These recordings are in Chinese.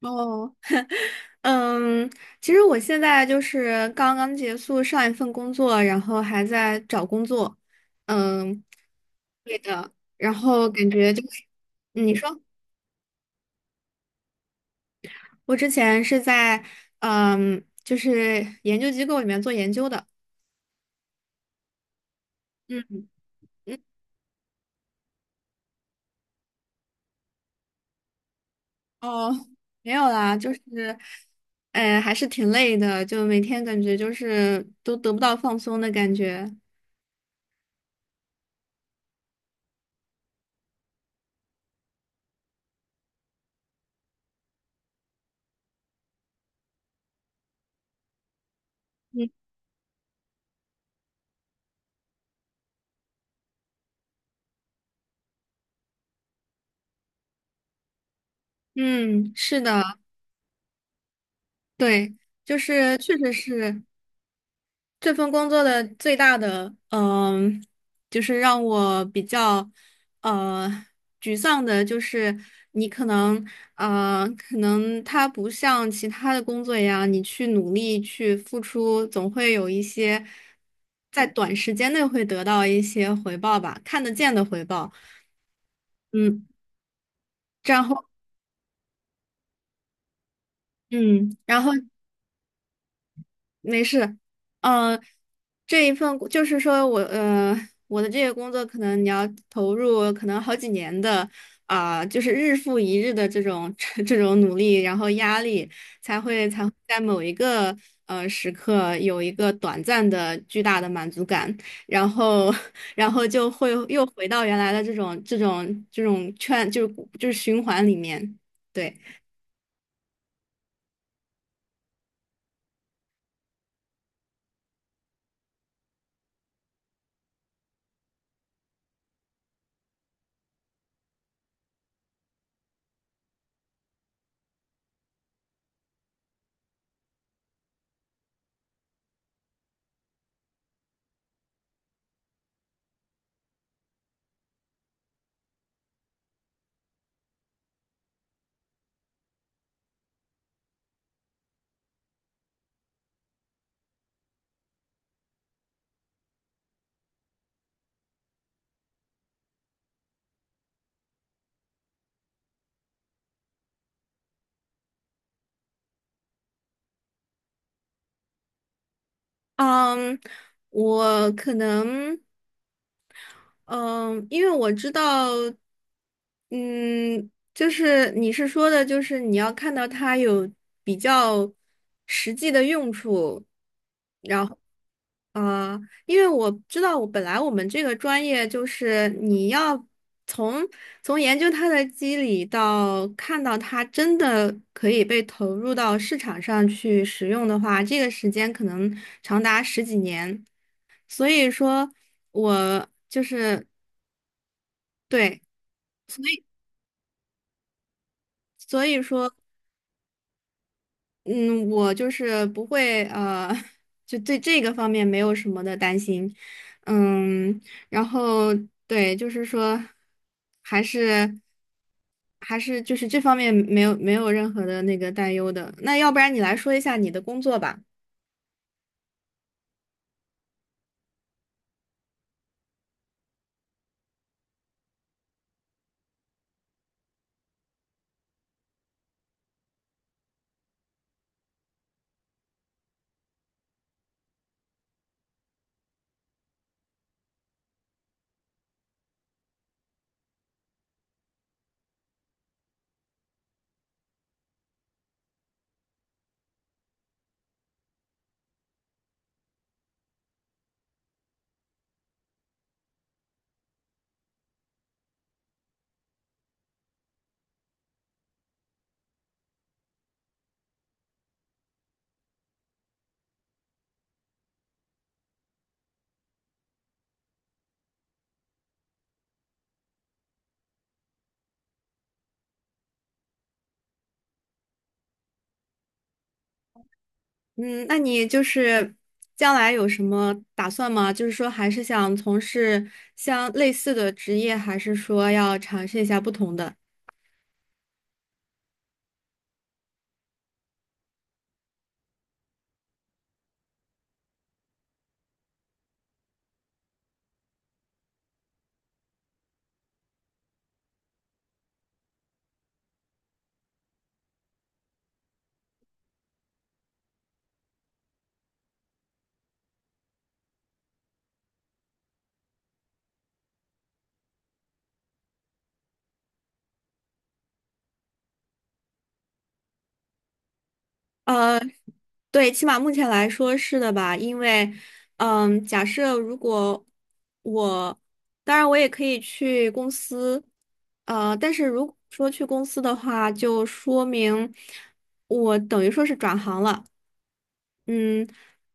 哦，嗯，其实我现在就是刚刚结束上一份工作，然后还在找工作，嗯，对的，然后感觉就是，嗯你说我之前是在就是研究机构里面做研究的，嗯嗯，哦，没有啦，就是，还是挺累的，就每天感觉就是都得不到放松的感觉，嗯嗯，是的，对。就是确实是，这份工作的最大的，就是让我比较，呃，沮丧的，就是你可能，可能它不像其他的工作一样，你去努力去付出，总会有一些在短时间内会得到一些回报吧，看得见的回报。嗯，然后，嗯，然后。没事，呃，这一份就是说我我的这个工作可能你要投入可能好几年的就是日复一日的这种 这种努力，然后压力才会在某一个时刻有一个短暂的巨大的满足感，然后 然后就会又回到原来的这种圈就是循环里面，对，嗯，我可能。嗯，因为我知道，嗯，就是你是说的，就是你要看到它有比较实际的用处，然后啊，因为我知道，我本来我们这个专业就是你要从从研究它的机理到看到它真的可以被投入到市场上去使用的话，这个时间可能长达十几年，所以说我。对，所以所以说，嗯，我就是不会,就对这个方面没有什么的担心，嗯，然后对，就是说，还是还是就是这方面没有没有任何的那个担忧的。那要不然你来说一下你的工作吧，嗯，那你就是将来有什么打算吗？就是说还是想从事像类似的职业，还是说要尝试一下不同的？呃，对，起码目前来说是的吧，因为，嗯，假设如果我，当然我也可以去公司，但是如果说去公司的话，就说明我等于说是转行了，嗯，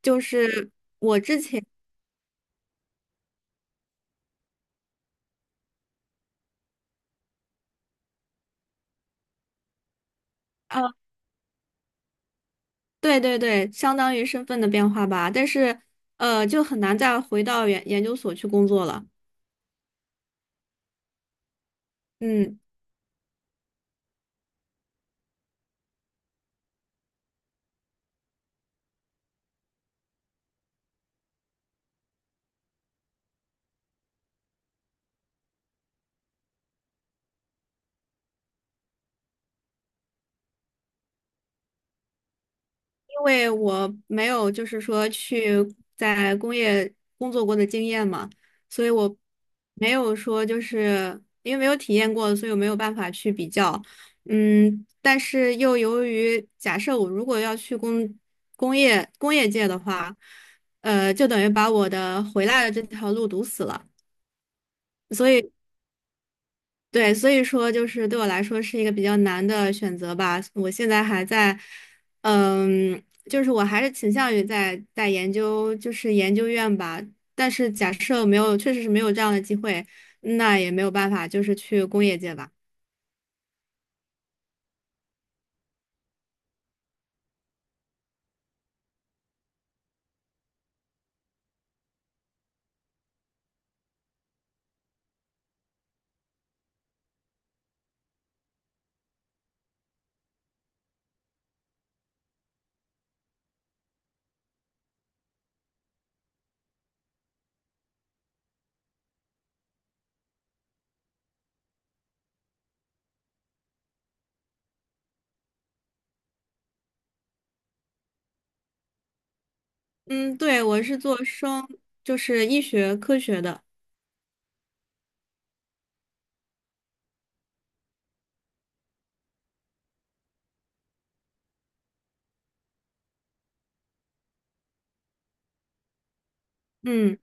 就是，呃，对对对，相当于身份的变化吧，但是，就很难再回到研究所去工作了，嗯。因为我没有就是说去在工业工作过的经验嘛，所以我没有说就是因为没有体验过，所以我没有办法去比较。嗯，但是又由于假设我如果要去工业界的话，就等于把我的回来的这条路堵死了。所以。对，所以说就是对我来说是一个比较难的选择吧。我现在还在，嗯，就是我还是倾向于在研究，就是研究院吧。但是假设没有，确实是没有这样的机会，那也没有办法，就是去工业界吧。嗯，对，我是做生，就是医学科学的。嗯。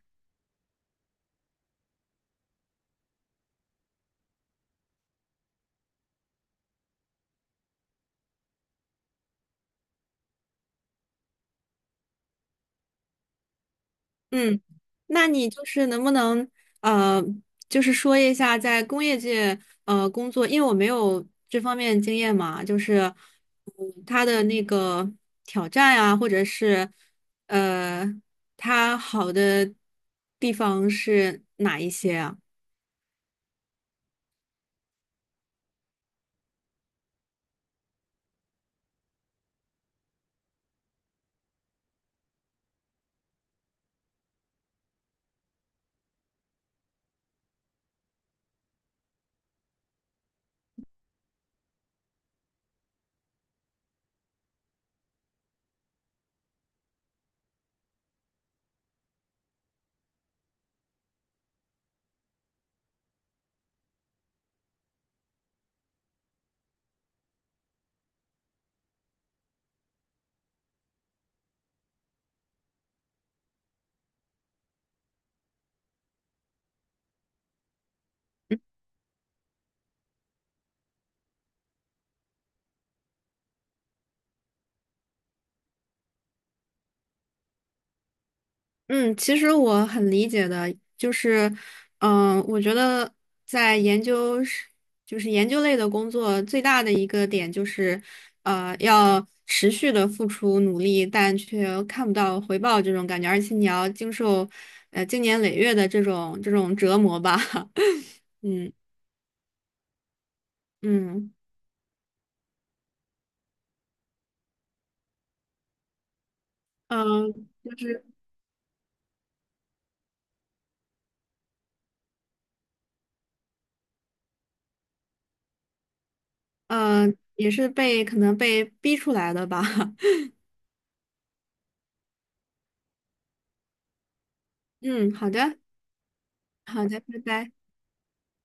嗯，那你就是能不能呃，就是说一下在工业界工作，因为我没有这方面经验嘛，就是嗯，它的那个挑战啊，或者是呃，它好的地方是哪一些啊？嗯，其实我很理解的，就是，我觉得在研究是，就是研究类的工作最大的一个点就是，要持续的付出努力，但却看不到回报这种感觉，而且你要经受，经年累月的这种这种折磨吧。嗯嗯嗯，就是呃，也是被可能被逼出来的吧。嗯，好的好的，拜拜。